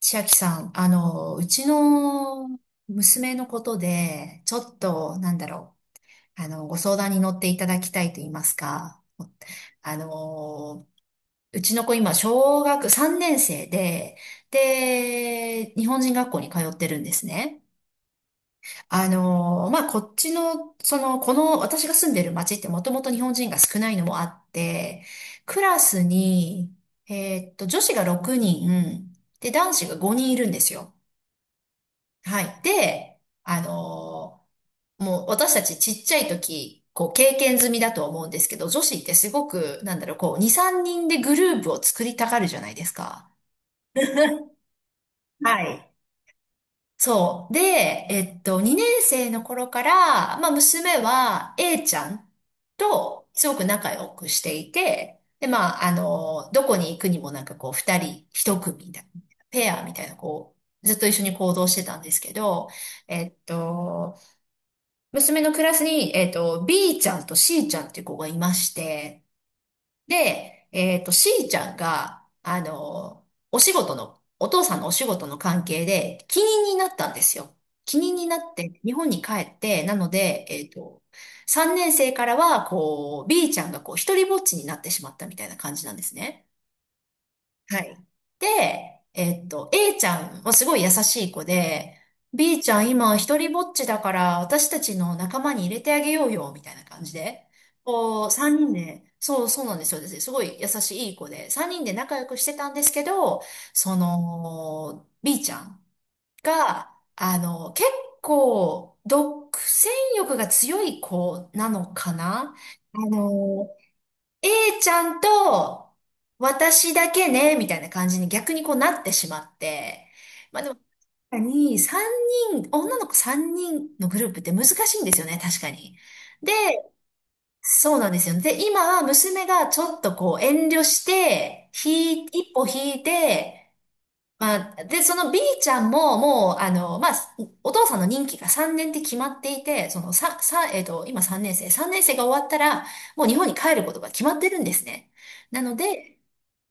千秋さん、うちの娘のことで、ちょっと、ご相談に乗っていただきたいと言いますか、あの、うちの子今、小学3年生で、日本人学校に通ってるんですね。あの、まあ、こっちの、その、この、私が住んでる町ってもともと日本人が少ないのもあって、クラスに、女子が6人、で、男子が5人いるんですよ。はい。で、もう私たちちっちゃい時、こう経験済みだと思うんですけど、女子ってすごく、2、3人でグループを作りたがるじゃないですか。はい。そう。で、2年生の頃から、娘は A ちゃんとすごく仲良くしていて、で、どこに行くにもなんかこう、2人1組みたいな、ペアみたいな、ずっと一緒に行動してたんですけど、えっと、娘のクラスに、B ちゃんと C ちゃんっていう子がいまして、で、C ちゃんが、お父さんのお仕事の関係で、帰任になったんですよ。帰任になって、日本に帰って、なので、3年生からは、B ちゃんがこう、一人ぼっちになってしまったみたいな感じなんですね。はい。で、A ちゃんはすごい優しい子で、B ちゃん今一人ぼっちだから私たちの仲間に入れてあげようよ、みたいな感じで。こう、三人で、そうそうなんですよ。すごい優しいいい子で、三人で仲良くしてたんですけど、B ちゃんが、結構、独占欲が強い子なのかな。あの A ちゃんと私だけね、みたいな感じに逆にこうなってしまって。まあでも、確かに3人、女の子3人のグループって難しいんですよね、確かに。で、そうなんですよ。で、今は娘がちょっとこう遠慮して、一歩引いて、で、その B ちゃんも、もう、あの、まあ、お父さんの任期が3年って決まっていて、その、さ、さ、えっと、今3年生、3年生が終わったら、もう日本に帰ることが決まってるんですね。なので、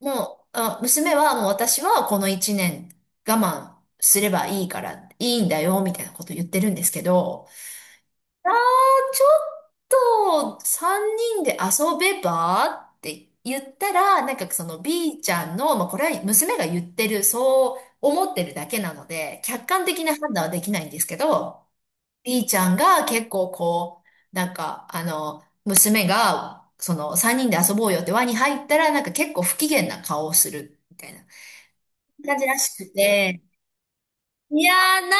もう、あ、娘は、もう私はこの1年我慢すればいいから、いいんだよ、みたいなこと言ってるんですけど、ちょっと3人で遊べばって言ったら、なんかその B ちゃんの、まあこれは娘が言ってる、そう思ってるだけなので、客観的な判断はできないんですけど、B ちゃんが結構こう、娘が、その3人で遊ぼうよって輪に入ったら、なんか結構不機嫌な顔をするみたいな感じらしくて、いやー、なん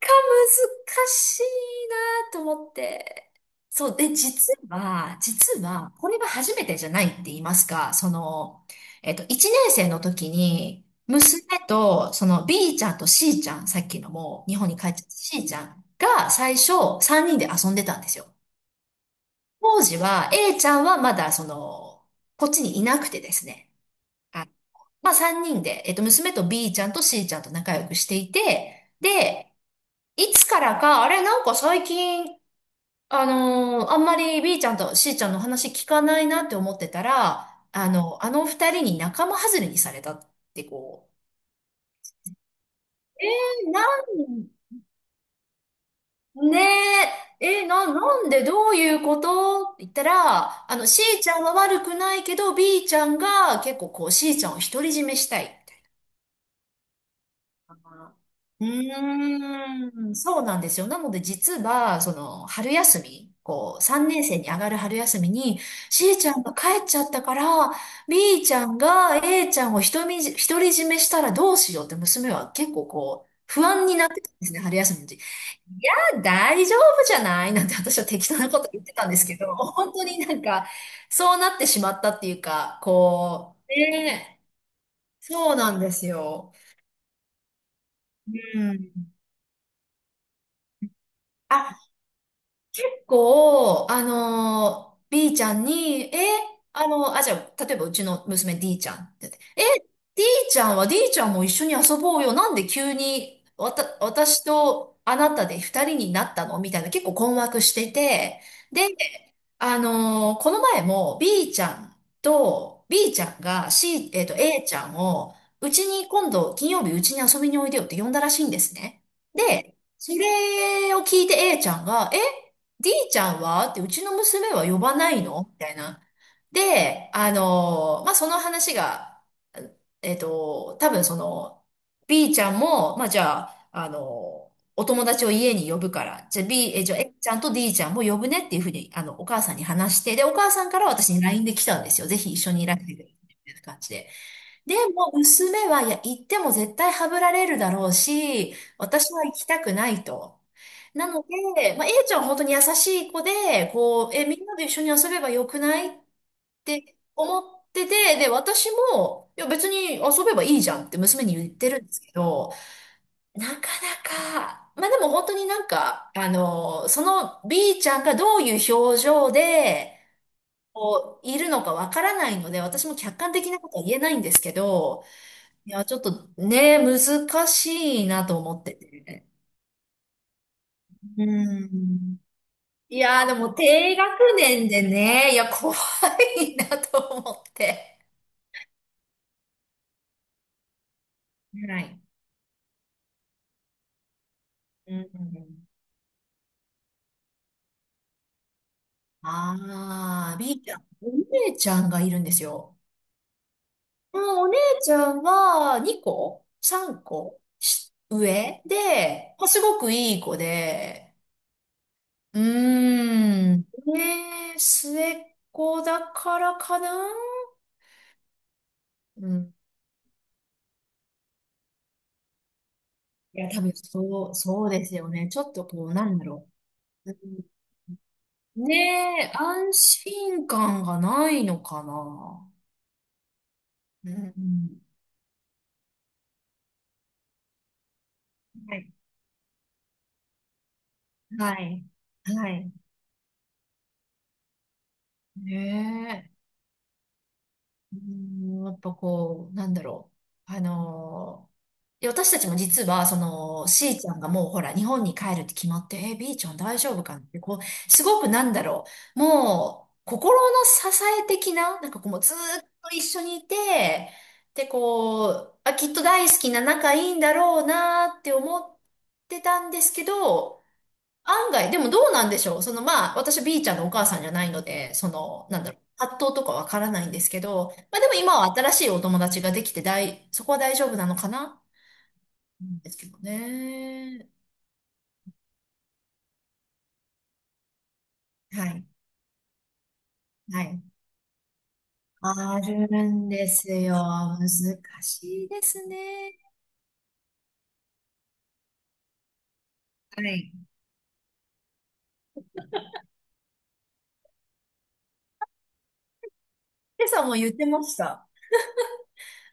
か難しいなと思って。そう。で、実は、これが初めてじゃないって言いますか、1年生の時に、娘と、その B ちゃんと C ちゃん、さっきのもう日本に帰っちゃった C ちゃんが最初3人で遊んでたんですよ。当時は A ちゃんはまだこっちにいなくてですね。あ、まあ3人で、娘と B ちゃんと C ちゃんと仲良くしていて、で、いつからか、あれ、なんか最近、あんまり B ちゃんと C ちゃんの話聞かないなって思ってたら、二人に仲間外れにされたってこう。えー、なん、ねえ、えー、な、なんでどういうことって言ったら、C ちゃんは悪くないけど、B ちゃんが結構こう C ちゃんを独り占めしたい。うーん、そうなんですよ。なので実は、春休み、こう、3年生に上がる春休みに、C ちゃんが帰っちゃったから、B ちゃんが A ちゃんを独り占めしたらどうしようって娘は結構こう、不安になってたんですね、春休みの時。いや、大丈夫じゃないなんて私は適当なこと言ってたんですけど、本当になんか、そうなってしまったっていうか、こう、ねえ、そうなんですよ。うん。あ結構、B ちゃんに、え、あの、あ、じゃあ、例えばうちの娘 D ちゃんって言って、え、D ちゃんは D ちゃんも一緒に遊ぼうよ。なんで急に、私とあなたで二人になったのみたいな結構困惑してて、で、この前も B ちゃんが C、A ちゃんを、うちに今度金曜日うちに遊びにおいでよって呼んだらしいんですね。で、それを聞いて A ちゃんが、D ちゃんはって、うちの娘は呼ばないのみたいな。で、その話が、えっと、多分その、B ちゃんも、まあ、じゃあ、あのーお友達を家に呼ぶから、じゃあ A ちゃんと D ちゃんも呼ぶねっていうふうに、お母さんに話して、で、お母さんから私に LINE で来たんですよ。ぜひ一緒にいらしてくれ、みたいな感じで。でも、娘は、いや、行っても絶対はぶられるだろうし、私は行きたくないと。なので、A ちゃんは本当に優しい子で、みんなで一緒に遊べばよくないって思ってて、で、私も、いや、別に遊べばいいじゃんって娘に言ってるんですけど、なかなか、でも本当になんか、その B ちゃんがどういう表情で、いるのかわからないので、私も客観的なことは言えないんですけど、いや、ちょっとね、難しいなと思ってて。うん。いやー、でも低学年でね、いや、怖いなと思って。はい。うん、うん、うん、あー、B ちゃん。お姉ちゃんがいるんですよ。もうお姉ちゃんは2個、 3 個し上で、まあ、すごくいい子で、うーん。ねえ、末っ子だからかな。うん。いや、多分そう、そうですよね。ちょっとこう、なんだろう。うん。ねえ、安心感がないのかな。うん。はい。はい。はい。ねえ。うん、やっぱこう、なんだろう。あのーで、私たちも実は、C ちゃんがもうほら、日本に帰るって決まって、B ちゃん大丈夫かなって、こう、すごくなんだろう、もう、心の支え的な、もうずーっと一緒にいて、で、きっと大好きな仲いいんだろうなーって思ってたんですけど、案外、でもどうなんでしょう。私 B ちゃんのお母さんじゃないので、葛藤とかわからないんですけど、まあでも今は新しいお友達ができてそこは大丈夫なのかななんですけどね。はい。はい。あるんですよ。難しいですね。はい。でさんも言ってました。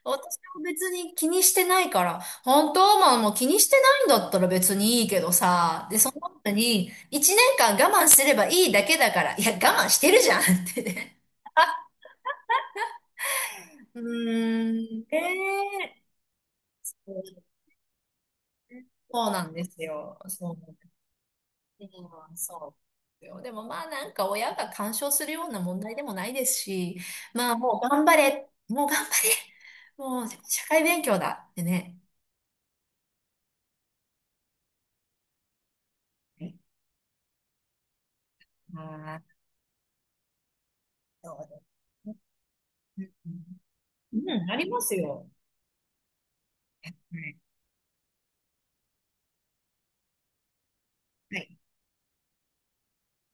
私は別に気にしてないから、本当まあもう気にしてないんだったら別にいいけどさ、で、その後に、一年間我慢すればいいだけだから、いや、我慢してるじゃんってね。うーん、ねえ、そうなんですよ。そう。うん、そうですよ。でもまあなんか親が干渉するような問題でもないですし、まあもう頑張れ、もう頑張れ、もう社会勉強だってね。ああ、そうですね。うん、うんありますよ。はい。はい。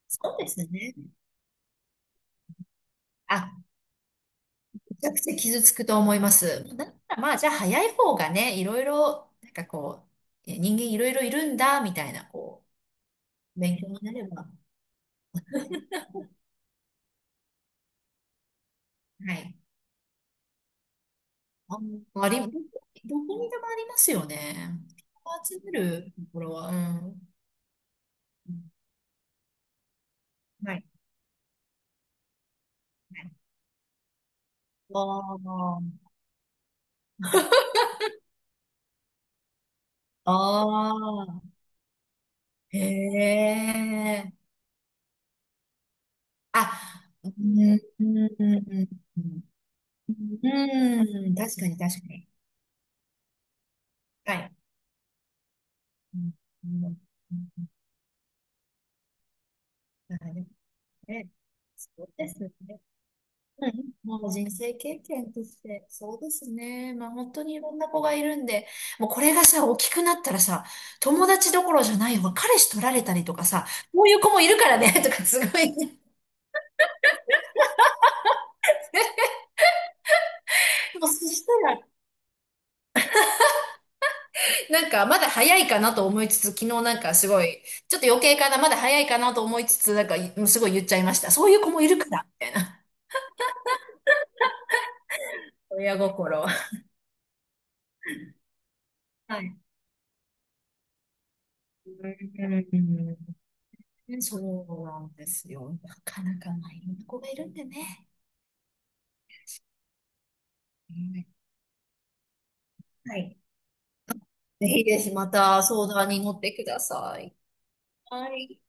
そうですね。あ、めちゃくちゃ傷つくと思います。だからまあじゃあ早い方がね、いろいろ、人間いろいろいるんだ、みたいな、勉強になれば。はい。あ、あり、どこどこにでもありますよね。集めるところは、うん。はい。はい。ああ、ああ、へえ。あ、うん、うん、うん、うん、うん確かに確かに。はい。うん、うん、なるほどね。そうですね。はい。もう人生経験として、そうですね。まあ本当にいろんな子がいるんで、もうこれがさ、大きくなったらさ、友達どころじゃないわ。彼氏取られたりとかさ、こういう子もいるからね、とかすごいね。もうそしたら、なんかまだ早いかなと思いつつ、昨日なんかすごい、ちょっと余計かな、まだ早いかなと思いつつ、なんかもうすごい言っちゃいました。そういう子もいるから、みたいな。親心。はい。うん、そうなんですよ。なかなかまあいろんな子がいるんでね。うん、はい。ぜひぜひまた相談に乗ってください。はい。